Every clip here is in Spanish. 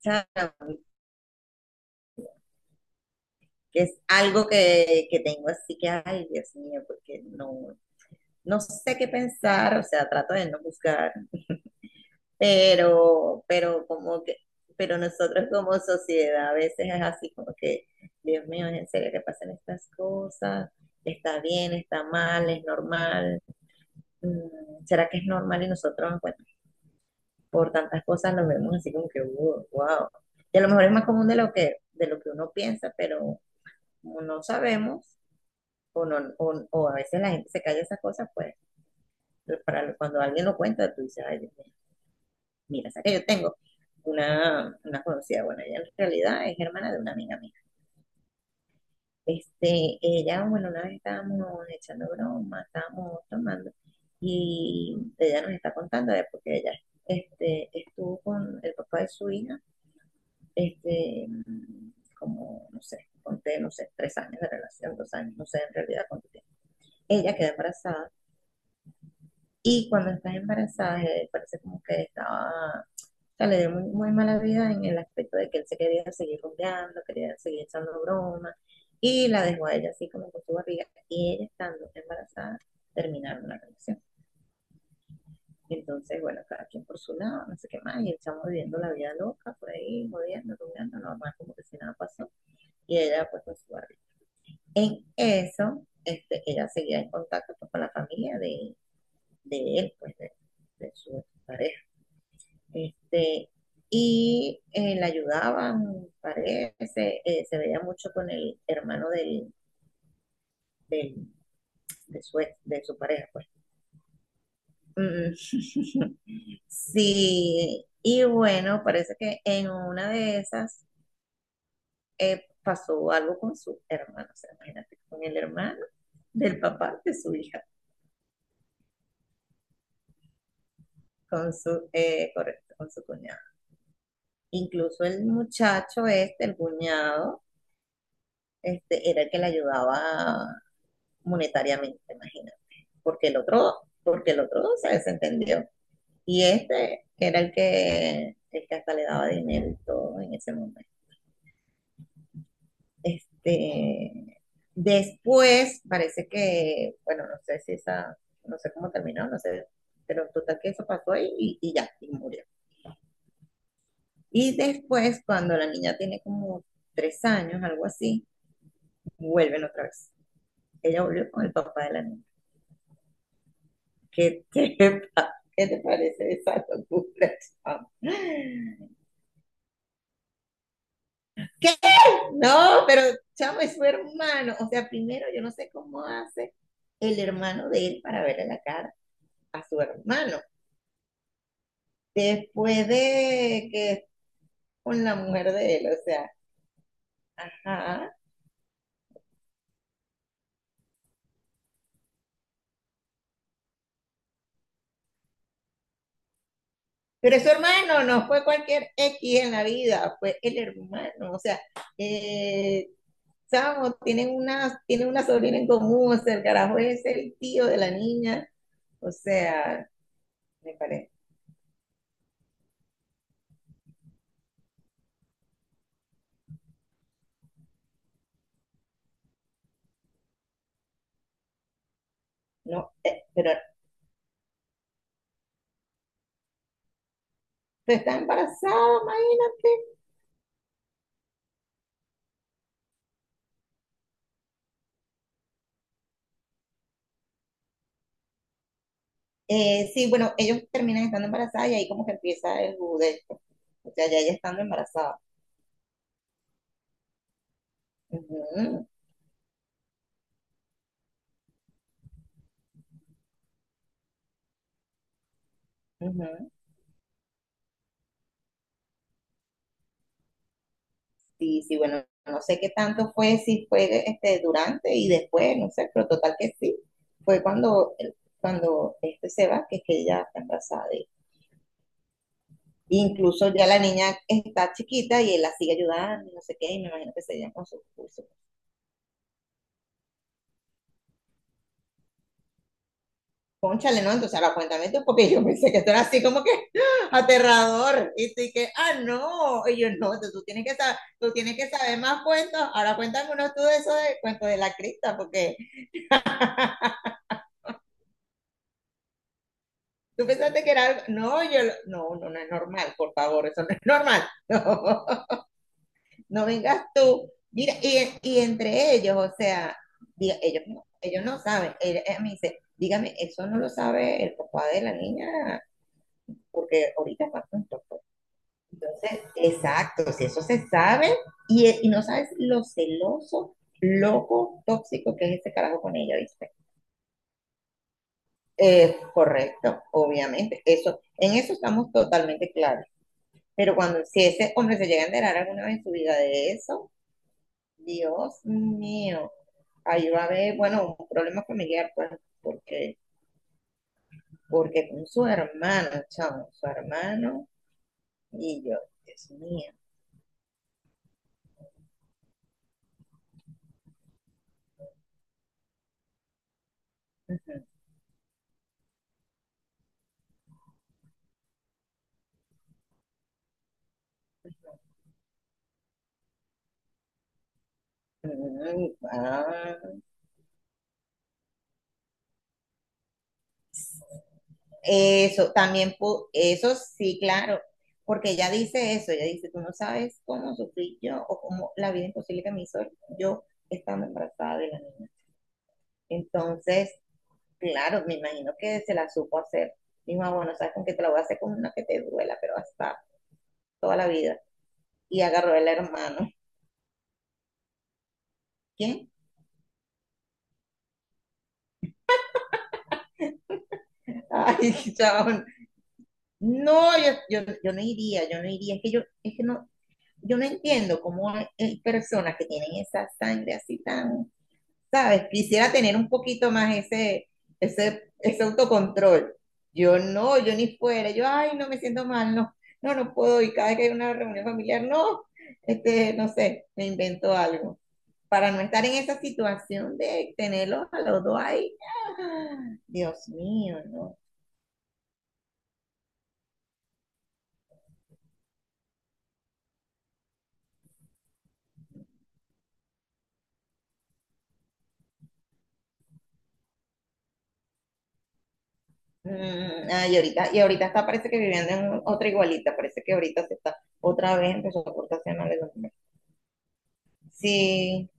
¿Sabes? Que es algo que tengo, así que, ay, Dios mío, porque no sé qué pensar. O sea, trato de no buscar, pero como que... Pero nosotros como sociedad a veces es así como que, Dios mío, ¿es en serio que pasan estas cosas? ¿Está bien, está mal, es normal? Mm, ¿será que es normal? Y nosotros, bueno, por tantas cosas nos vemos así como que, wow, wow. Y a lo mejor es más común de lo que uno piensa, pero como no sabemos, o, no, o a veces la gente se calla esas cosas, pues para cuando alguien lo cuenta, tú dices, ay, Dios mío, mira. O sea, que yo tengo una conocida. Bueno, ella en realidad es hermana de una amiga mía. Ella, bueno, una vez estábamos echando broma, estábamos tomando, y ella nos está contando de porque ella estuvo con el papá de su hija, este, como, no sé, conté, no sé, 3 años de relación, 2 años, no sé en realidad cuánto tiempo. Ella quedó embarazada. Y cuando estás embarazada, parece como que estaba... O sea, le dio muy, muy mala vida, en el aspecto de que él se quería seguir rumbeando, quería seguir echando bromas, y la dejó a ella así como con su barriga, y ella estando embarazada, terminaron la relación. Entonces, bueno, cada quien por su lado, no sé qué más, y el chamo viviendo la vida loca, por ahí, jodiendo, rumbeando, normal, como que si nada pasó, y ella pues con su barriga. En eso, ella seguía en contacto, pues, con la familia de él, pues, de su pareja. Este, y la ayudaban, parece. Se veía mucho con el hermano del, de, su, de su pareja, pues. Mm. Sí, y bueno, parece que en una de esas pasó algo con su hermano. O sea, imagínate, con el hermano del papá de su hija, con su, correcto, con su cuñado. Incluso el muchacho este, el cuñado, era el que le ayudaba monetariamente, imagínate. Porque el otro se desentendió. Y este, que era el que hasta le daba dinero y todo en ese momento. Este, después parece que, bueno, no sé cómo terminó, no sé, pero total que eso pasó ahí y ya, y murió. Y después, cuando la niña tiene como 3 años, algo así, vuelven otra vez. Ella volvió con el papá de la niña. ¿Qué qué te parece esa locura, chamo? ¿Qué? No, pero chamo, es su hermano. O sea, primero yo no sé cómo hace el hermano de él para verle la cara a su hermano. Después de que es con la mujer de él, o sea, ajá. Pero es su hermano, no fue cualquier X en la vida, fue el hermano. O sea, eh, chamo, tienen una sobrina en común, o sea, el carajo es el tío de la niña. O sea, me parece. No, pero tú estás embarazada, imagínate. Sí, bueno, ellos terminan estando embarazadas y ahí como que empieza el judesto. O sea, ya ella estando embarazada. Ujú, ujú. Sí, sí, bueno, no sé qué tanto fue, si fue este, durante y después, no sé, pero total que sí. Fue cuando, cuando este se va, que es que ella está embarazada de él. Incluso ya la niña está chiquita y él la sigue ayudando, y no sé qué, y me imagino que se llevan con sus... Pónchale, ¿no? Entonces ahora cuéntame tú, porque yo pensé que esto era así como que aterrador. Y tú y que, ah, no. Y yo, no, entonces tú tienes que saber, tú tienes que saber más cuentos. Ahora cuéntame uno tú de eso, de cuento de la cripta, porque tú pensaste que era algo. No, yo, lo- no, no, no es normal, por favor, eso no es normal. No, no vengas tú. Mira, y entre ellos, o sea, diga- ellos no saben. Él- él me dice, dígame, eso no lo sabe el papá de la niña, porque ahorita está juntos. Entonces, exacto, si eso se sabe y no sabes lo celoso, loco, tóxico que es ese carajo con ella, ¿viste? Correcto, obviamente, eso, en eso estamos totalmente claros. Pero cuando, si ese hombre se llega a enterar alguna vez en su vida de eso, Dios mío, ahí va a haber, bueno, un problema familiar, pues, porque, porque con su hermano, chamo, su hermano y yo, Dios mío. Ujú. Mm, ah. Eso, también, pu- eso sí, claro, porque ella dice eso, ella dice, tú no sabes cómo sufrí yo, o cómo la vida imposible que me hizo yo estando embarazada de la niña. Entonces, claro, me imagino que se la supo hacer. Dijo: "Ah, bueno, sabes con qué te la voy a hacer, con una que te duela, pero hasta toda la vida". Y agarró el hermano. ¿Quién? Ay, chabón. No, yo no iría, yo no iría. Es que yo, es que no, yo no entiendo cómo hay personas que tienen esa sangre así tan... ¿Sabes? Quisiera tener un poquito más ese autocontrol. Yo no, yo ni fuera, yo, ay, no me siento mal, no, no, no puedo ir cada vez que hay una reunión familiar, no, no sé, me invento algo. Para no estar en esa situación de tenerlos a los dos ahí, ah, Dios mío, no. Mm, ah, y ahorita está, parece que viviendo en otra igualita, parece que ahorita se está otra vez empezó a portarse mal. Sí,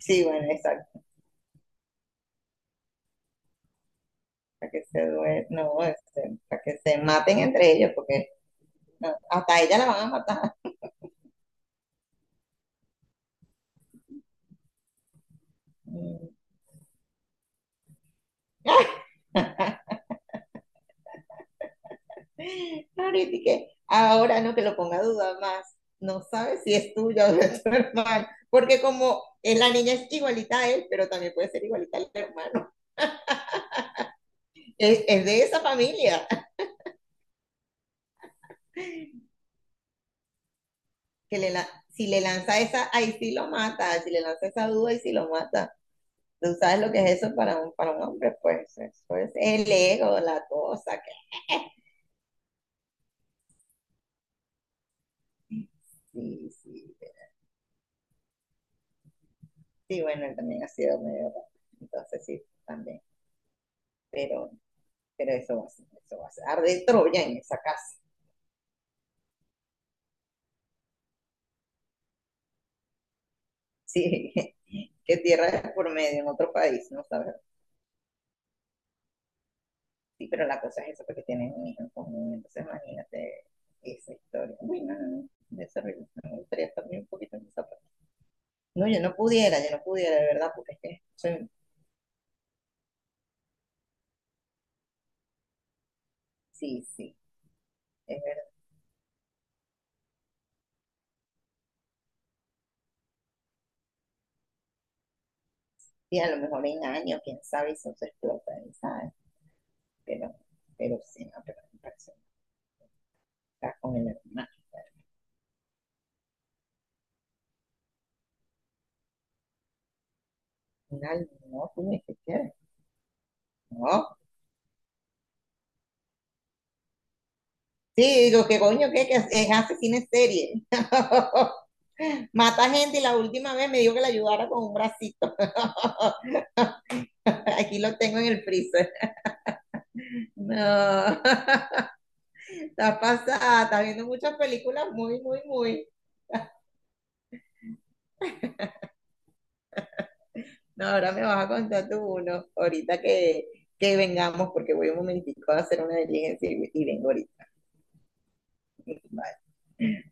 sí, bueno, exacto. Para que se due- no, para que se maten entre ellos, porque no, hasta ella la van a matar. Mm. Ahorita y que ahora no, que lo ponga a dudar más, no sabe si es tuya o de tu hermano, porque como es la niña es igualita a él, pero también puede ser igualita al hermano, es de esa familia, que le la- si le lanza esa, ahí sí lo mata, si le lanza esa duda, ahí sí lo mata. Tú sabes lo que es eso para un hombre, pues eso es el ego, la cosa, que sí, sí. Sí, bueno, él también ha sido medio raro. Entonces sí, también. Pero, pero eso va a ser, eso va a ser. Arde Troya en esa casa. Sí, que tierra es por medio en otro país, ¿no? ¿Sabes? Sí, pero la cosa es eso, porque tienen un hijo en común. Entonces imagínate esa historia. Bueno, no, de ese ritmo, me gustaría también un poquito en esa parte. No, yo no pudiera, de verdad, porque es que soy- sí, sí, es verdad. Y a lo mejor en años, quién sabe, eso se explota, ¿sabes? Pero, pero sí, no, pero me parece, está con el hermano. Final, no, tú me dijiste, ¿qué? No. Sí, digo, ¿qué coño? ¿Qué? ¿Que es asesina en serie? Mata gente y la última vez me dijo que la ayudara con un bracito. Aquí lo tengo en el freezer. No, estás pasada, estás viendo muchas películas muy, muy, muy. No, ahora me vas a contar tú uno, ahorita que vengamos, porque voy un momentico a hacer una diligencia y vengo ahorita. Bye.